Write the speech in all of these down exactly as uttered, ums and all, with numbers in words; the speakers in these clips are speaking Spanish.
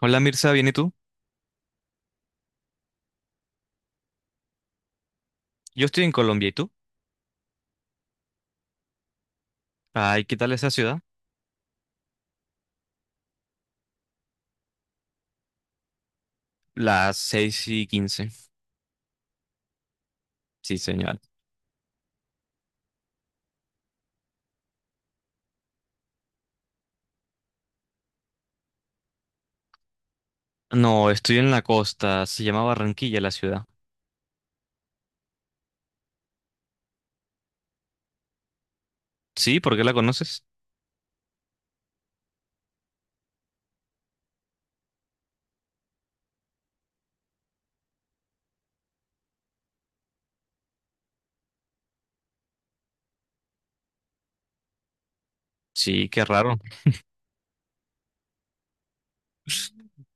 Hola Mirza, ¿bien y tú? Yo estoy en Colombia, ¿y tú? Ay, ¿qué tal esa ciudad? Las seis y quince. Sí, señor. No, estoy en la costa, se llama Barranquilla la ciudad. Sí, ¿por qué la conoces? Sí, qué raro.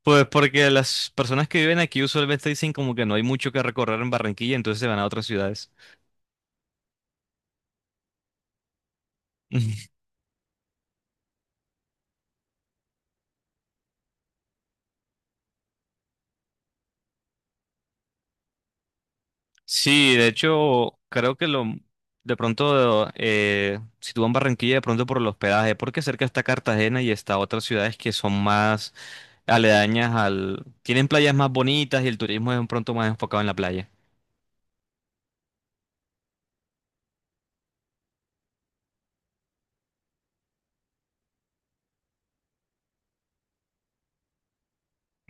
Pues porque las personas que viven aquí usualmente dicen como que no hay mucho que recorrer en Barranquilla, entonces se van a otras ciudades. Sí, de hecho, creo que lo de pronto, eh, si tú vas a Barranquilla, de pronto por el hospedaje, porque cerca está Cartagena y está otras ciudades que son más aledañas al tienen playas más bonitas y el turismo es de pronto más enfocado en la playa.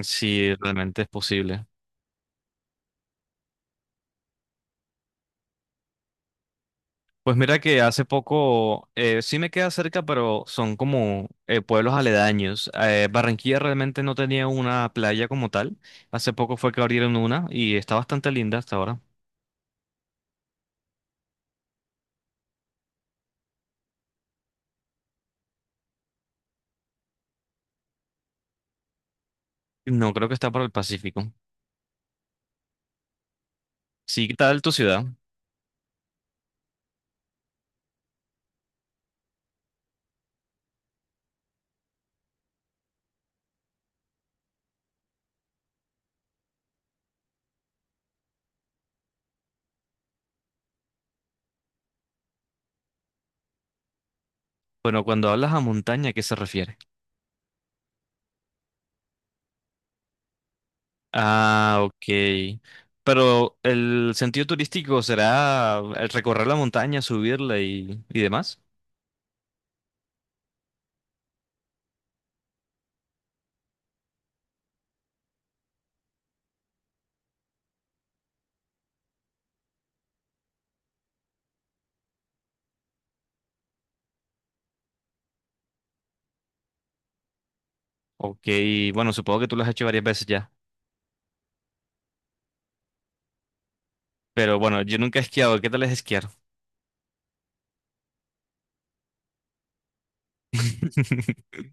Sí, realmente es posible. Pues mira que hace poco, eh, sí me queda cerca, pero son como eh, pueblos aledaños. Eh, Barranquilla realmente no tenía una playa como tal. Hace poco fue que abrieron una y está bastante linda hasta ahora. No creo que está para el Pacífico. Sí, ¿qué tal tu ciudad? Bueno, cuando hablas a montaña, ¿a qué se refiere? Ah, ok. Pero el sentido turístico será el recorrer la montaña, subirla y, y demás. Ok, bueno, supongo que tú lo has hecho varias veces ya. Pero bueno, yo nunca he esquiado. ¿Qué tal es esquiar?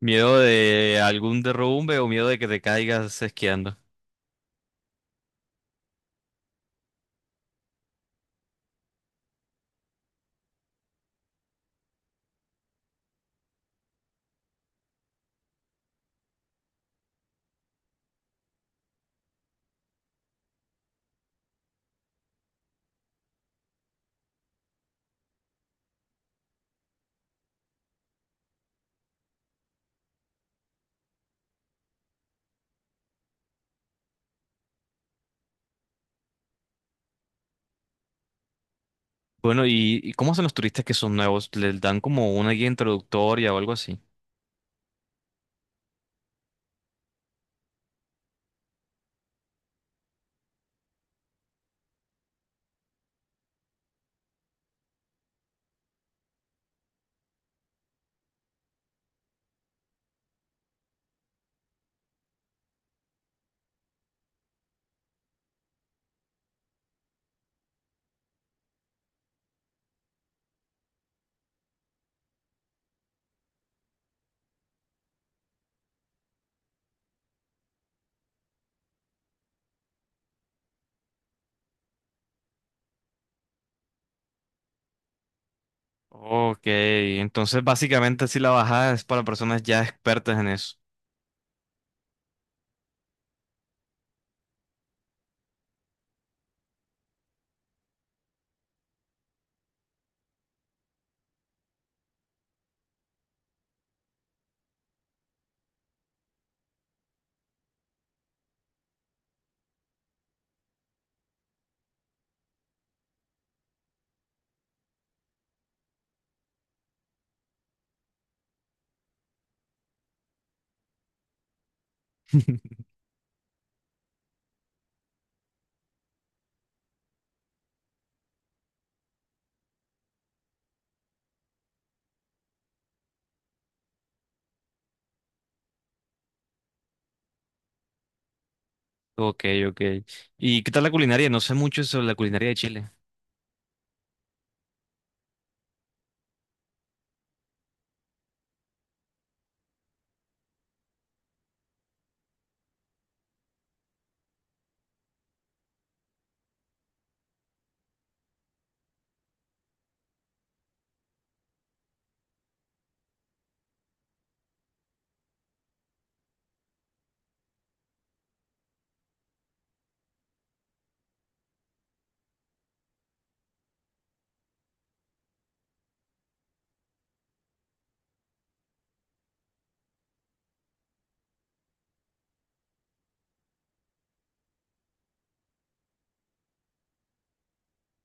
¿Miedo de algún derrumbe o miedo de que te caigas esquiando? Bueno, ¿y, y cómo hacen los turistas que son nuevos? ¿Les dan como una guía introductoria o algo así? Ok, entonces básicamente sí la bajada es para personas ya expertas en eso. Ok, ok. ¿Y qué tal la culinaria? No sé mucho sobre la culinaria de Chile.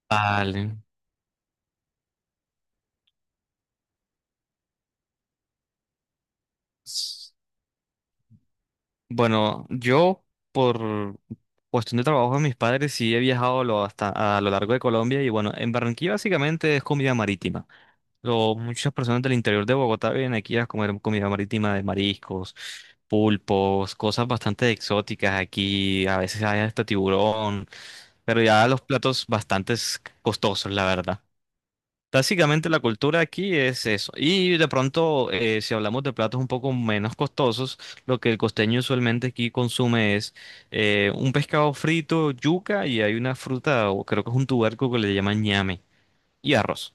Vale. S- Bueno, yo por cuestión de trabajo de mis padres sí he viajado lo- hasta a lo largo de Colombia y bueno, en Barranquilla básicamente es comida marítima. Lo- muchas personas del interior de Bogotá vienen aquí a comer comida marítima de mariscos, pulpos, cosas bastante exóticas aquí. A veces hay hasta tiburón. Pero ya los platos bastante costosos, la verdad. Básicamente la cultura aquí es eso. Y de pronto, eh, si hablamos de platos un poco menos costosos, lo que el costeño usualmente aquí consume es eh, un pescado frito, yuca y hay una fruta, o creo que es un tubérculo que le llaman ñame, y arroz.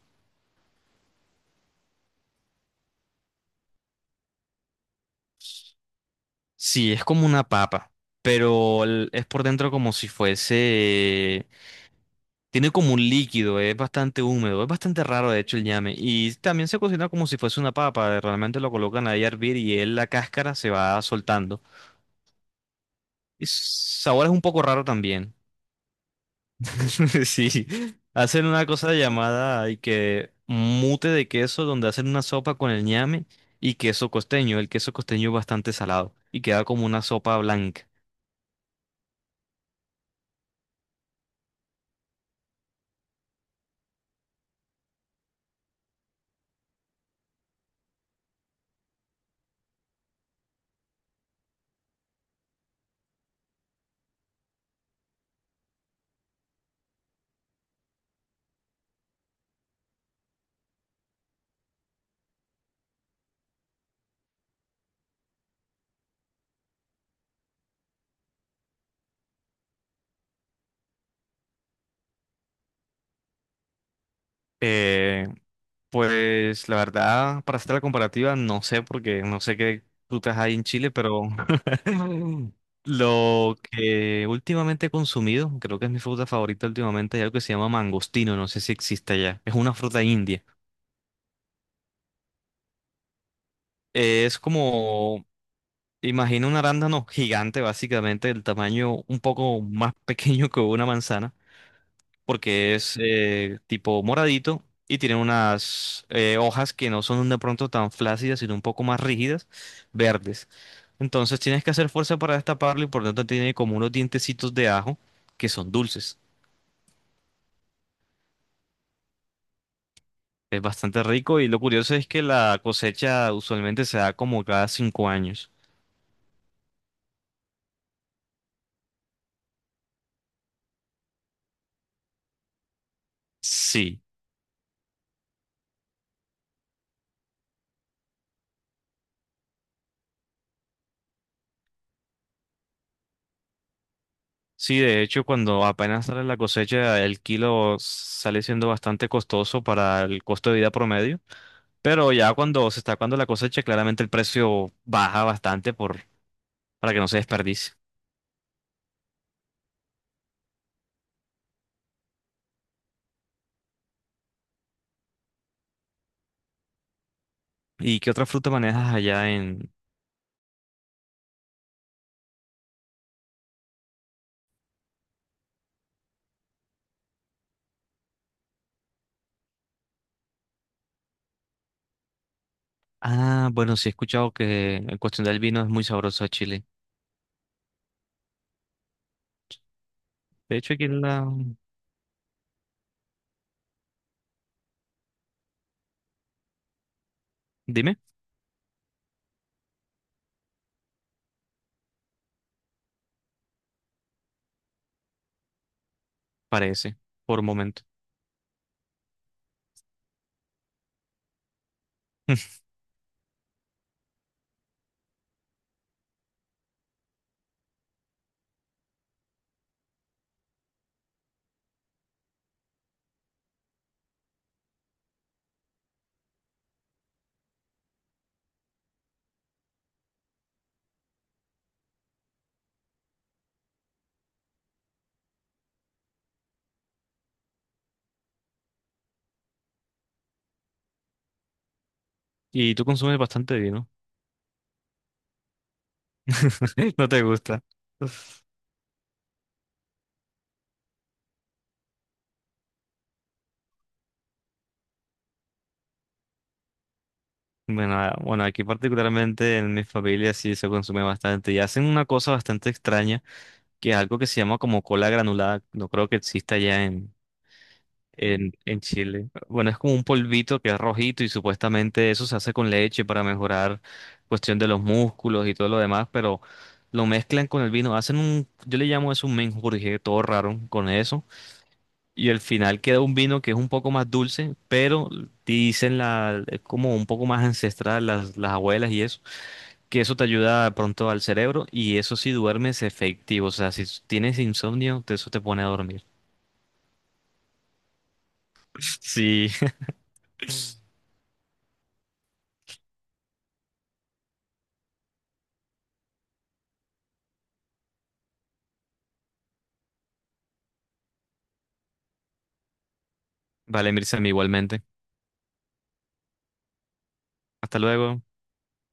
Sí, es como una papa, pero el- es por dentro como si fuese tiene como un líquido, es bastante húmedo, es bastante raro de hecho el ñame. Y también se cocina como si fuese una papa, eh, realmente lo colocan ahí a hervir y él la cáscara se va soltando. Y su sabor es un poco raro también. Sí, hacen una cosa llamada y que mute de queso donde hacen una sopa con el ñame y queso costeño. El queso costeño es bastante salado y queda como una sopa blanca. Eh, pues la verdad, para hacer la comparativa, no sé porque no sé qué frutas hay en Chile, pero lo que últimamente he consumido, creo que es mi fruta favorita últimamente, es algo que se llama mangostino, no sé si existe allá. Es una fruta india. Es como, imagina un arándano gigante, básicamente, del tamaño un poco más pequeño que una manzana, porque es eh, tipo moradito y tiene unas eh, hojas que no son de pronto tan flácidas, sino un poco más rígidas, verdes. Entonces tienes que hacer fuerza para destaparlo y por lo tanto tiene como unos dientecitos de ajo que son dulces. Es bastante rico y lo curioso es que la cosecha usualmente se da como cada cinco años. Sí, sí, de hecho cuando apenas sale la cosecha el kilo sale siendo bastante costoso para el costo de vida promedio, pero ya cuando se está acabando la cosecha claramente el precio baja bastante por, para que no se desperdicie. ¿Y qué otra fruta manejas allá en Ah, bueno, sí he escuchado que en cuestión del vino es muy sabroso a Chile. De hecho aquí en la Dime, parece, por un momento. Y tú consumes bastante vino. No te gusta. Bueno, ah, bueno, aquí particularmente en mi familia sí se consume bastante y hacen una cosa bastante extraña, que es algo que se llama como cola granulada, no creo que exista ya en, en, en Chile. Bueno, es como un polvito que es rojito y supuestamente eso se hace con leche para mejorar cuestión de los músculos y todo lo demás, pero lo mezclan con el vino, hacen un, yo le llamo eso un menjurje, todo raro con eso. Y al final queda un vino que es un poco más dulce, pero dicen la, es como un poco más ancestral, las, las abuelas y eso, que eso te ayuda de pronto al cerebro y eso si duermes efectivo, o sea, si tienes insomnio, te- eso te pone a dormir. Sí, vale, Mirza, igualmente. Hasta luego.